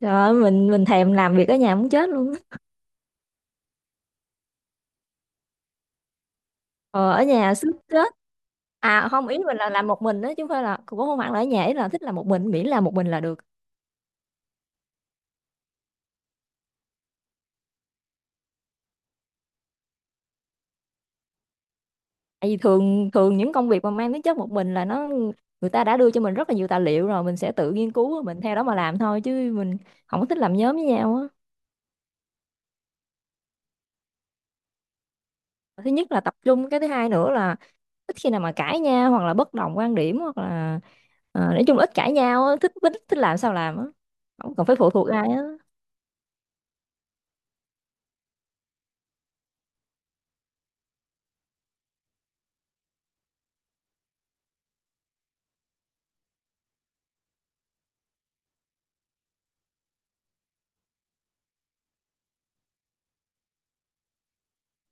Trời ơi, mình thèm làm việc ở nhà muốn chết luôn á. Ờ, ở nhà sức chết. À không, ý mình là làm một mình đó, chứ không phải là, cũng không hẳn là ở nhà, ý là thích làm một mình, miễn là một mình là được. Tại vì thường thường những công việc mà mang tính chất một mình là nó, người ta đã đưa cho mình rất là nhiều tài liệu rồi, mình sẽ tự nghiên cứu, mình theo đó mà làm thôi, chứ mình không có thích làm nhóm với nhau á. Thứ nhất là tập trung, cái thứ hai nữa là ít khi nào mà cãi nhau hoặc là bất đồng quan điểm hoặc là, nói chung là ít cãi nhau á, thích thích thích làm sao làm á. Không cần phải phụ thuộc ai á.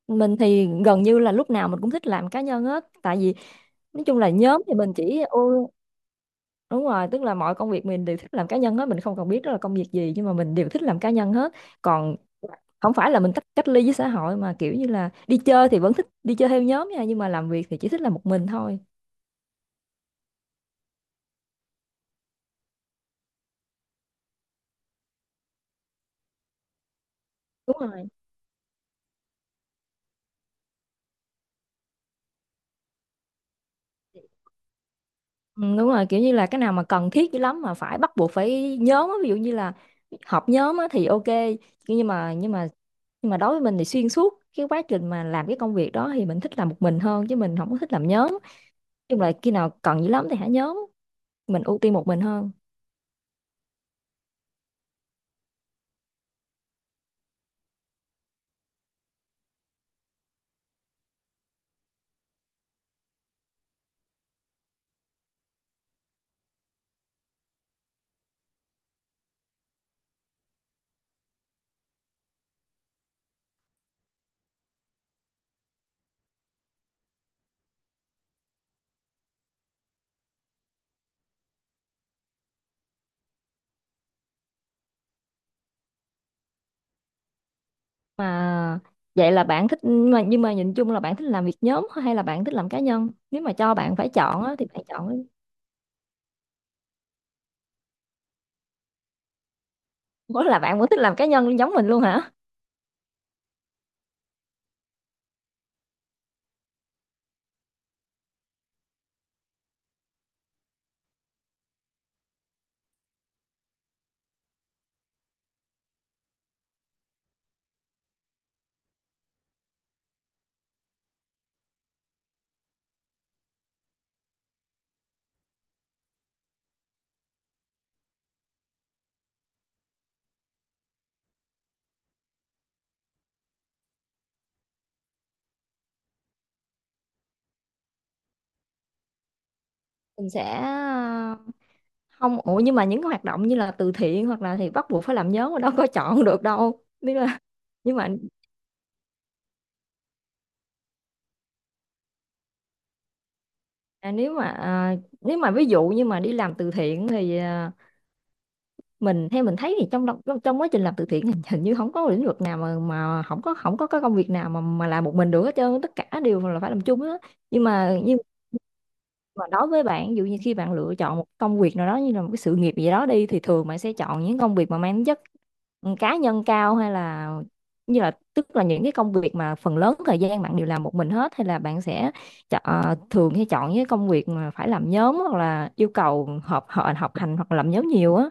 Mình thì gần như là lúc nào mình cũng thích làm cá nhân hết, tại vì nói chung là nhóm thì mình chỉ đúng rồi, tức là mọi công việc mình đều thích làm cá nhân hết, mình không cần biết đó là công việc gì, nhưng mà mình đều thích làm cá nhân hết. Còn không phải là mình tách, cách ly với xã hội, mà kiểu như là đi chơi thì vẫn thích đi chơi theo nhóm nha, nhưng mà làm việc thì chỉ thích làm một mình thôi. Đúng rồi. Ừ, đúng rồi, kiểu như là cái nào mà cần thiết dữ lắm mà phải bắt buộc phải nhóm á, ví dụ như là họp nhóm á, thì ok. Nhưng mà nhưng mà nhưng mà đối với mình thì xuyên suốt cái quá trình mà làm cái công việc đó thì mình thích làm một mình hơn, chứ mình không có thích làm nhóm. Nói chung là khi nào cần dữ lắm thì hả nhóm, mình ưu tiên một mình hơn. Mà vậy là bạn thích, mà nhưng mà nhìn chung là bạn thích làm việc nhóm hay là bạn thích làm cá nhân, nếu mà cho bạn phải chọn á, thì bạn chọn? Có là bạn vẫn thích làm cá nhân giống mình luôn hả? Mình sẽ, không, ủa nhưng mà những cái hoạt động như là từ thiện hoặc là thì bắt buộc phải làm nhóm mà đâu có chọn được đâu. Nên là, nhưng mà, nếu mà, nếu mà ví dụ như mà đi làm từ thiện thì, mình, theo mình thấy thì trong đồng- trong trong quá trình làm từ thiện hình hình như không có lĩnh vực nào mà không có cái công việc nào mà làm một mình được hết trơn, tất cả đều là phải làm chung á. Nhưng mà đối với bạn, ví dụ như khi bạn lựa chọn một công việc nào đó như là một cái sự nghiệp gì đó đi, thì thường bạn sẽ chọn những công việc mà mang tính chất, ừ, cá nhân cao, hay là như là, tức là những cái công việc mà phần lớn thời gian bạn đều làm một mình hết, hay là bạn sẽ chọn, thường hay chọn những cái công việc mà phải làm nhóm hoặc là yêu cầu họp họp học hành hoặc là làm nhóm nhiều á?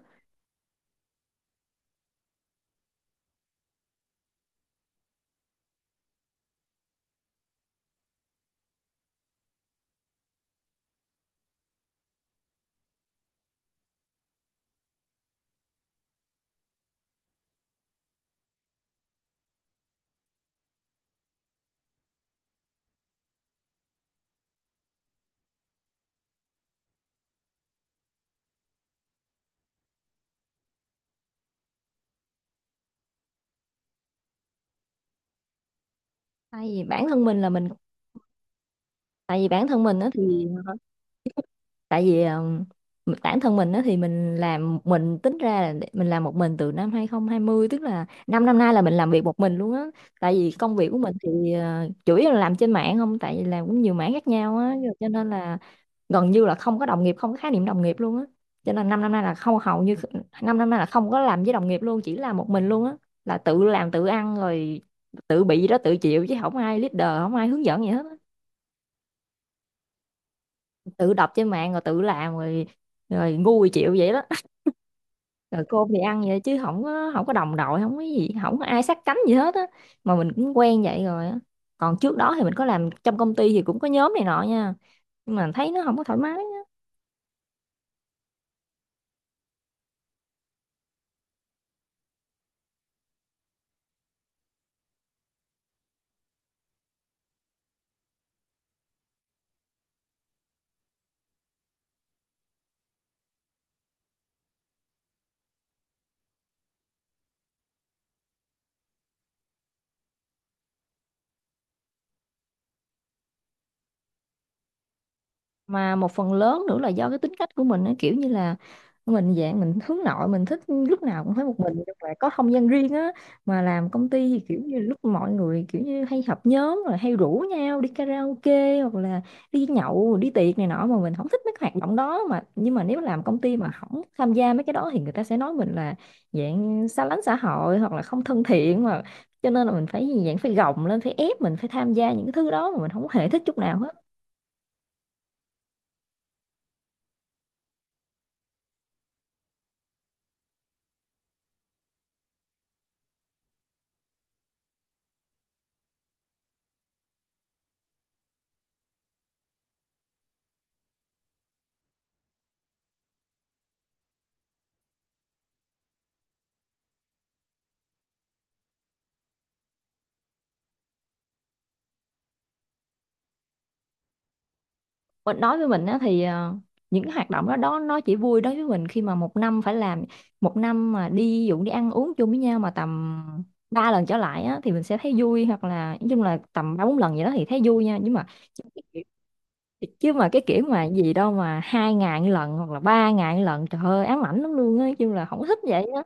tại vì bản thân mình là mình Tại vì bản thân mình á thì, tại vì bản thân mình á thì mình làm, mình tính ra mình làm một mình từ năm 2020, tức là 5 năm nay là mình làm việc một mình luôn á. Tại vì công việc của mình thì, ờ, chủ yếu là làm trên mạng không, tại vì làm cũng nhiều mảng khác nhau á, rồi cho nên là gần như là không có đồng nghiệp, không có khái niệm đồng nghiệp luôn á. Cho nên 5 năm nay là không, hầu như 5 năm nay là không có làm với đồng nghiệp luôn, chỉ làm một mình luôn á. Là tự làm tự ăn rồi, tự bị gì đó tự chịu, chứ không ai leader, không ai hướng dẫn gì hết á. Tự đọc trên mạng rồi tự làm rồi, ngu chịu vậy đó. Rồi cơm thì ăn vậy, chứ không có, không có đồng đội, không có gì, không có ai sát cánh gì hết á. Mà mình cũng quen vậy rồi á. Còn trước đó thì mình có làm trong công ty thì cũng có nhóm này nọ nha, nhưng mà thấy nó không có thoải mái. Mà một phần lớn nữa là do cái tính cách của mình á, kiểu như là mình dạng mình hướng nội, mình thích lúc nào cũng phải một mình, nhưng mà có không gian riêng á. Mà làm công ty thì kiểu như lúc mọi người kiểu như hay họp nhóm rồi hay rủ nhau đi karaoke hoặc là đi nhậu đi tiệc này nọ, mà mình không thích mấy cái hoạt động đó. Mà nhưng mà nếu làm công ty mà không tham gia mấy cái đó thì người ta sẽ nói mình là dạng xa lánh xã hội hoặc là không thân thiện. Mà cho nên là mình phải dạng phải gồng lên phải ép mình phải tham gia những cái thứ đó mà mình không hề thích chút nào hết. Mình nói với mình á, thì, những cái hoạt động đó đó nó chỉ vui đối với mình khi mà một năm phải làm, một năm mà đi ví dụ đi ăn uống chung với nhau mà tầm ba lần trở lại á, thì mình sẽ thấy vui, hoặc là nói chung là tầm ba bốn lần vậy đó thì thấy vui nha. Nhưng mà chứ cái kiểu- chứ mà cái kiểu mà gì đâu mà hai ngày một lần hoặc là ba ngày một lần, trời ơi ám ảnh lắm luôn á, chứ là không thích vậy á.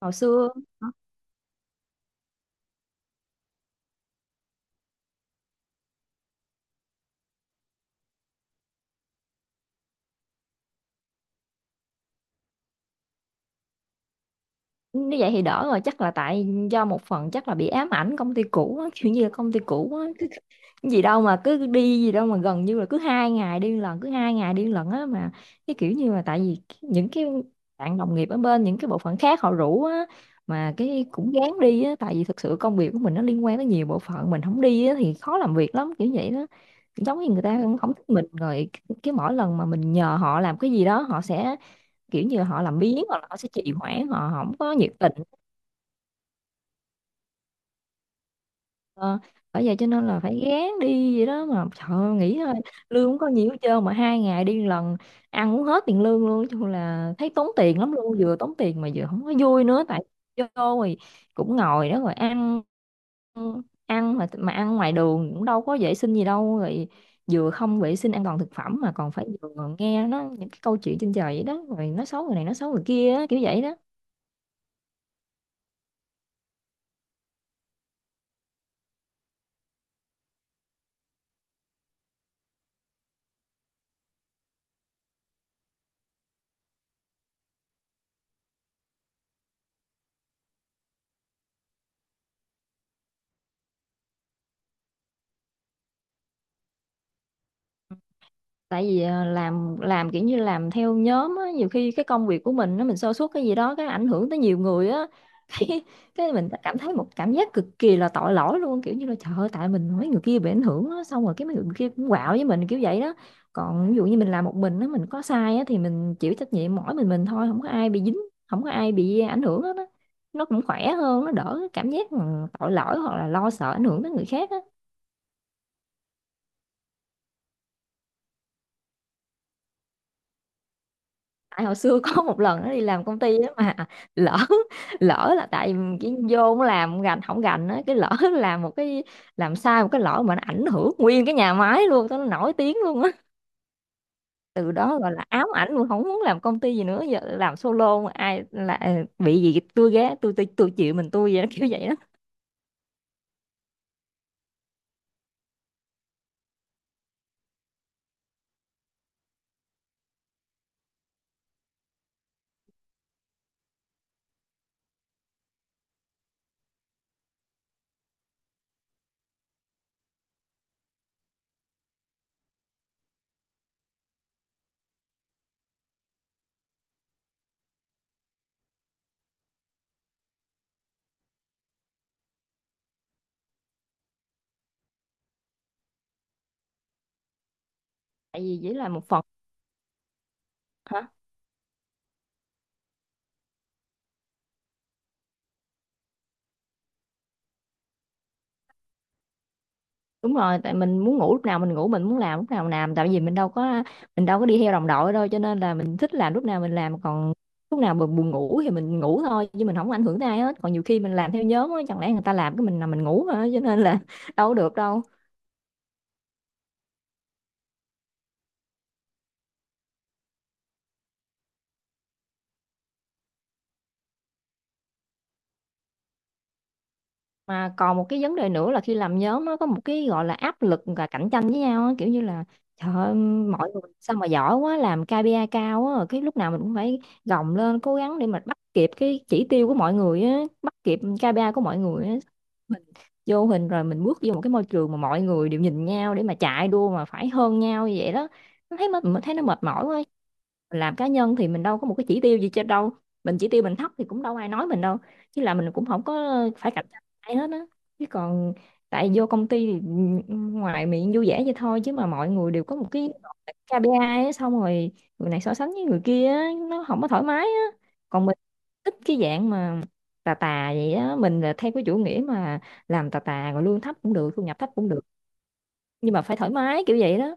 Hồi xưa. Nếu vậy thì đỡ rồi, chắc là tại do một phần chắc là bị ám ảnh công ty cũ á, kiểu như là công ty cũ á, cứ cái gì đâu mà cứ đi gì đâu mà gần như là cứ hai ngày đi lần, cứ hai ngày đi lần á. Mà cái kiểu như là tại vì những cái bạn đồng nghiệp ở bên những cái bộ phận khác họ rủ á, mà cái cũng gán đi á, tại vì thực sự công việc của mình nó liên quan tới nhiều bộ phận, mình không đi á thì khó làm việc lắm, kiểu vậy đó. Giống như người ta không thích mình rồi, cái mỗi lần mà mình nhờ họ làm cái gì đó họ sẽ kiểu như họ làm biếng hoặc là họ sẽ trì hoãn, họ không có nhiệt tình. ờ, Bởi vậy cho nên là phải gán đi vậy đó, mà trời ơi, nghĩ thôi, lương không có nhiều hết trơn mà hai ngày đi lần ăn uống hết tiền lương luôn. Nói chung là thấy tốn tiền lắm luôn, vừa tốn tiền mà vừa không có vui nữa, tại vô rồi cũng ngồi đó rồi ăn ăn mà ăn ngoài đường cũng đâu có vệ sinh gì đâu, rồi vừa không vệ sinh an toàn thực phẩm mà còn phải vừa nghe nó những cái câu chuyện trên trời vậy đó, rồi nó xấu người này nó xấu người kia á, kiểu vậy đó. Tại vì, làm kiểu như làm theo nhóm á, nhiều khi cái công việc của mình nó, mình sa sút cái gì đó cái ảnh hưởng tới nhiều người á cái cái mình cảm thấy một cảm giác cực kỳ là tội lỗi luôn, kiểu như là trời ơi, tại mình mấy người kia bị ảnh hưởng á, xong rồi cái mấy người kia cũng quạo với mình kiểu vậy đó. Còn ví dụ như mình làm một mình á, mình có sai á thì mình chịu trách nhiệm mỗi mình thôi, không có ai bị dính, không có ai bị ảnh hưởng hết á. Nó cũng khỏe hơn, nó đỡ cái cảm giác mà tội lỗi hoặc là lo sợ ảnh hưởng tới người khác á. Tại hồi xưa có một lần nó đi làm công ty á, mà lỡ lỡ là tại cái vô nó làm gành không gành á, cái lỡ làm một cái, làm sai một cái lỗi mà nó ảnh hưởng nguyên cái nhà máy luôn, tao nó nổi tiếng luôn á. Từ đó gọi là ám ảnh luôn không muốn làm công ty gì nữa, giờ làm solo, mà ai là bị gì tôi ghé tôi, tôi chịu mình tôi vậy đó, kiểu vậy đó. Tại vì chỉ là một phần. Hả? Đúng rồi, tại mình muốn ngủ lúc nào mình ngủ, mình muốn làm lúc nào mình làm, tại vì mình đâu có đi theo đồng đội đâu, cho nên là mình thích làm lúc nào mình làm. Còn lúc nào mà buồn ngủ thì mình ngủ thôi, chứ mình không có ảnh hưởng tới ai hết. Còn nhiều khi mình làm theo nhóm á, chẳng lẽ người ta làm cái mình là mình ngủ hả, cho nên là đâu có được đâu. Mà còn một cái vấn đề nữa là khi làm nhóm nó có một cái gọi là áp lực và cạnh tranh với nhau á, kiểu như là trời ơi, mọi người sao mà giỏi quá làm KPI cao á, cái lúc nào mình cũng phải gồng lên cố gắng để mà bắt kịp cái chỉ tiêu của mọi người á, bắt kịp KPI của mọi người á. Mình vô hình rồi, mình bước vô một cái môi trường mà mọi người đều nhìn nhau để mà chạy đua mà phải hơn nhau như vậy đó. Nó thấy mệt, mình thấy nó mệt mỏi quá. Mình làm cá nhân thì mình đâu có một cái chỉ tiêu gì trên đâu, mình chỉ tiêu mình thấp thì cũng đâu ai nói mình đâu, chứ là mình cũng không có phải cạnh tranh ai hết á. Chứ còn tại vô công ty thì, ừ, ngoài miệng vui vẻ vậy thôi, chứ mà mọi người đều có một cái KPI á, xong rồi người này so sánh với người kia á, nó không có thoải mái á. Còn mình thích cái dạng mà tà tà vậy á, mình là theo cái chủ nghĩa mà làm tà tà rồi lương thấp cũng được, thu nhập thấp cũng được, nhưng mà phải thoải mái kiểu vậy đó.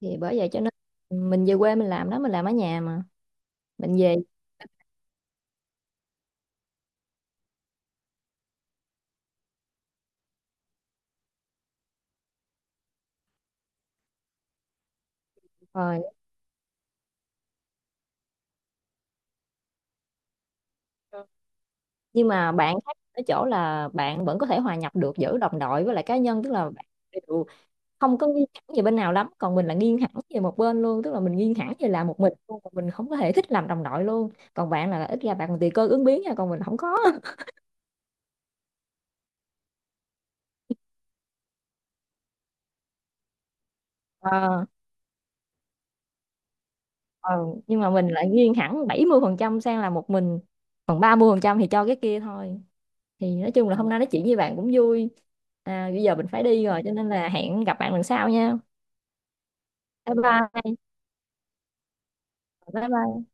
Thì bởi vậy cho nên mình về quê mình làm đó, mình làm ở nhà mà, mình về. Rồi. Nhưng mà bạn khác ở chỗ là bạn vẫn có thể hòa nhập được giữa đồng đội với lại cá nhân, tức là bạn đều không có nghiêng hẳn về bên nào lắm, còn mình là nghiêng hẳn về một bên luôn, tức là mình nghiêng hẳn về làm một mình luôn, còn mình không có thể thích làm đồng đội luôn, còn bạn là ít ra bạn còn tùy cơ ứng biến nha, còn mình không có Ờ, ờ, nhưng mà mình lại nghiêng hẳn 70% sang là một mình, còn 30% thì cho cái kia thôi. Thì nói chung là hôm nay nói chuyện với bạn cũng vui. À, bây giờ mình phải đi rồi cho nên là hẹn gặp bạn lần sau nha. Bye bye. Bye bye.